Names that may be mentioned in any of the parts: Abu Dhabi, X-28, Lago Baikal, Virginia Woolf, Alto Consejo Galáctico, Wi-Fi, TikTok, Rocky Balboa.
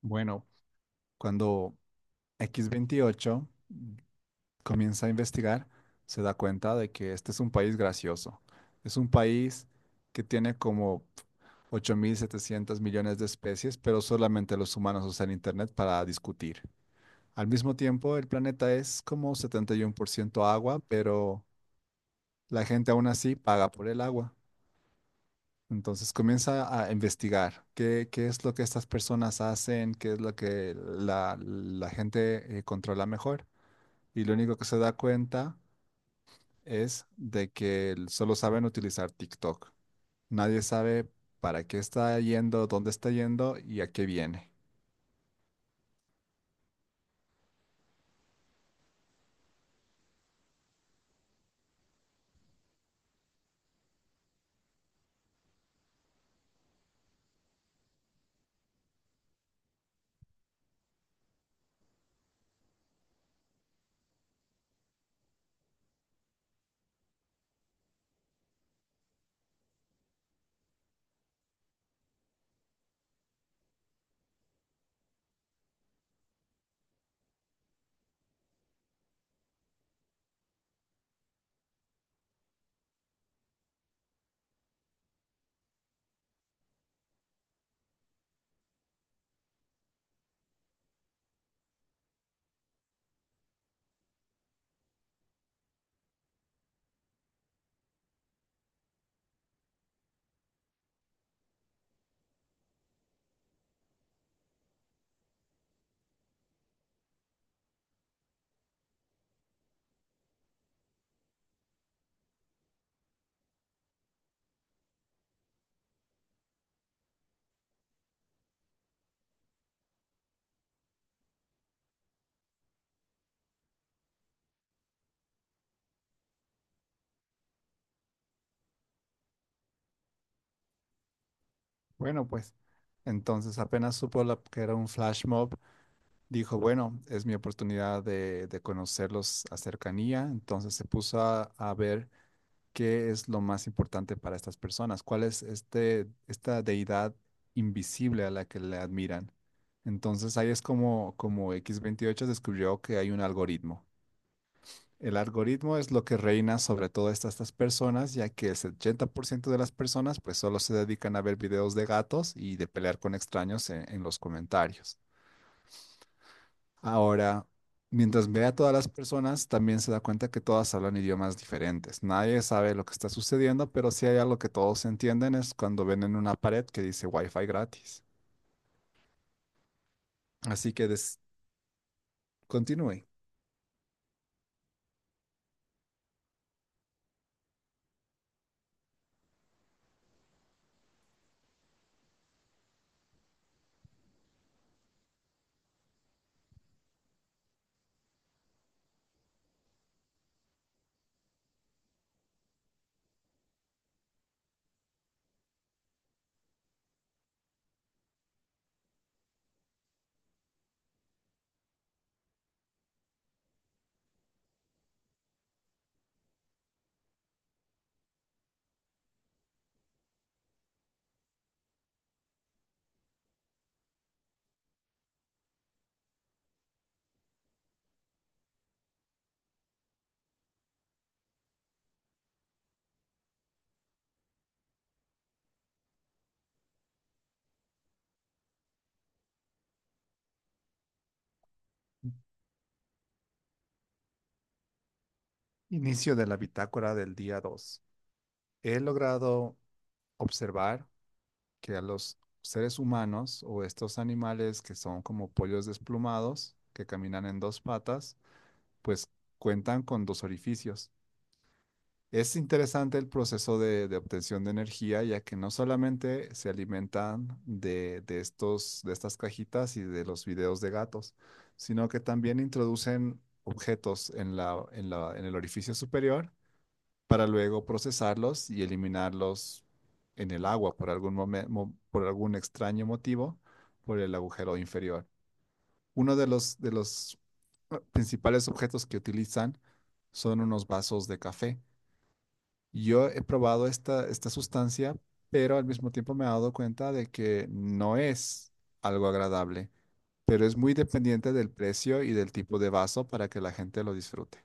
Bueno, cuando X-28 comienza a investigar, se da cuenta de que este es un país gracioso. Es un país que tiene como 8.700 millones de especies, pero solamente los humanos usan Internet para discutir. Al mismo tiempo, el planeta es como 71% agua, pero la gente aún así paga por el agua. Entonces comienza a investigar qué es lo que estas personas hacen, qué es lo que la gente controla mejor. Y lo único que se da cuenta es de que solo saben utilizar TikTok. Nadie sabe para qué está yendo, dónde está yendo y a qué viene. Bueno, pues entonces apenas supo que era un flash mob, dijo, bueno, es mi oportunidad de conocerlos a cercanía. Entonces se puso a ver qué es lo más importante para estas personas, cuál es este, esta deidad invisible a la que le admiran. Entonces ahí es como X28 descubrió que hay un algoritmo. El algoritmo es lo que reina sobre todas estas personas, ya que el 70% de las personas pues solo se dedican a ver videos de gatos y de pelear con extraños en los comentarios. Ahora, mientras ve a todas las personas, también se da cuenta que todas hablan idiomas diferentes. Nadie sabe lo que está sucediendo, pero si hay algo que todos entienden es cuando ven en una pared que dice Wi-Fi gratis. Así que continúe. Inicio de la bitácora del día 2. He logrado observar que a los seres humanos o estos animales que son como pollos desplumados, que caminan en dos patas, pues cuentan con dos orificios. Es interesante el proceso de obtención de energía, ya que no solamente se alimentan de estas cajitas y de los videos de gatos, sino que también introducen objetos en en el orificio superior para luego procesarlos y eliminarlos en el agua por por algún extraño motivo, por el agujero inferior. Uno de los principales objetos que utilizan son unos vasos de café. Yo he probado esta sustancia, pero al mismo tiempo me he dado cuenta de que no es algo agradable, pero es muy dependiente del precio y del tipo de vaso para que la gente lo disfrute.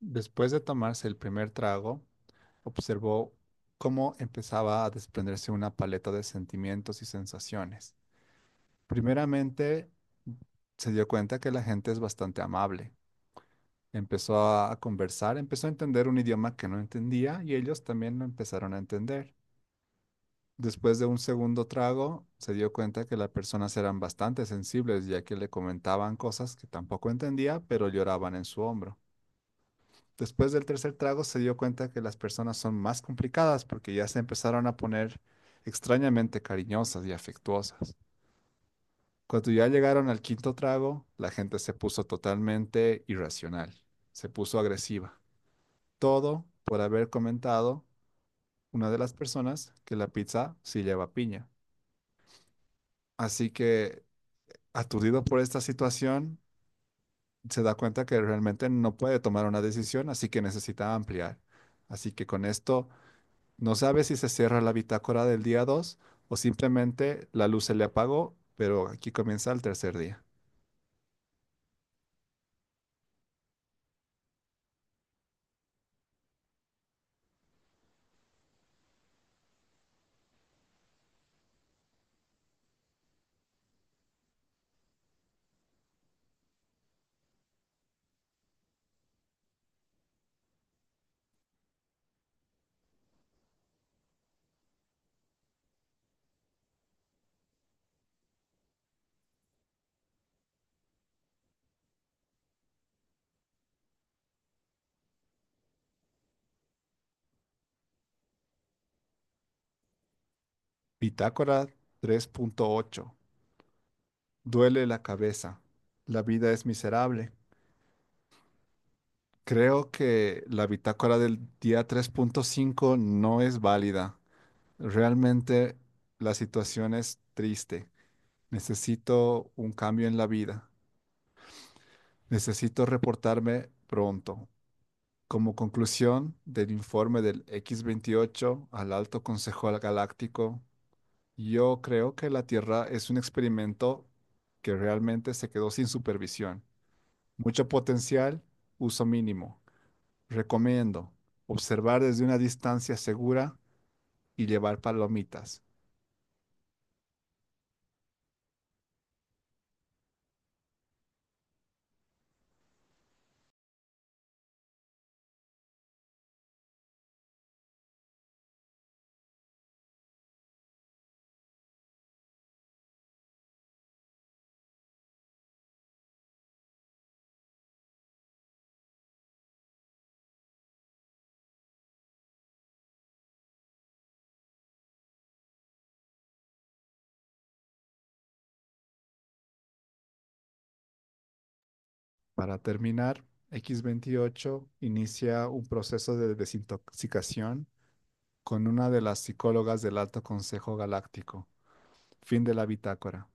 Después de tomarse el primer trago, observó cómo empezaba a desprenderse una paleta de sentimientos y sensaciones. Primeramente, se dio cuenta que la gente es bastante amable. Empezó a conversar, empezó a entender un idioma que no entendía y ellos también lo empezaron a entender. Después de un segundo trago, se dio cuenta que las personas eran bastante sensibles, ya que le comentaban cosas que tampoco entendía, pero lloraban en su hombro. Después del tercer trago, se dio cuenta que las personas son más complicadas porque ya se empezaron a poner extrañamente cariñosas y afectuosas. Cuando ya llegaron al quinto trago, la gente se puso totalmente irracional, se puso agresiva. Todo por haber comentado una de las personas que la pizza sí lleva piña. Así que aturdido por esta situación, se da cuenta que realmente no puede tomar una decisión, así que necesita ampliar. Así que con esto no sabe si se cierra la bitácora del día 2 o simplemente la luz se le apagó, pero aquí comienza el tercer día. Bitácora 3.8. Duele la cabeza. La vida es miserable. Creo que la bitácora del día 3.5 no es válida. Realmente la situación es triste. Necesito un cambio en la vida. Necesito reportarme pronto. Como conclusión del informe del X-28 al Alto Consejo Galáctico, yo creo que la Tierra es un experimento que realmente se quedó sin supervisión. Mucho potencial, uso mínimo. Recomiendo observar desde una distancia segura y llevar palomitas. Para terminar, X-28 inicia un proceso de desintoxicación con una de las psicólogas del Alto Consejo Galáctico. Fin de la bitácora.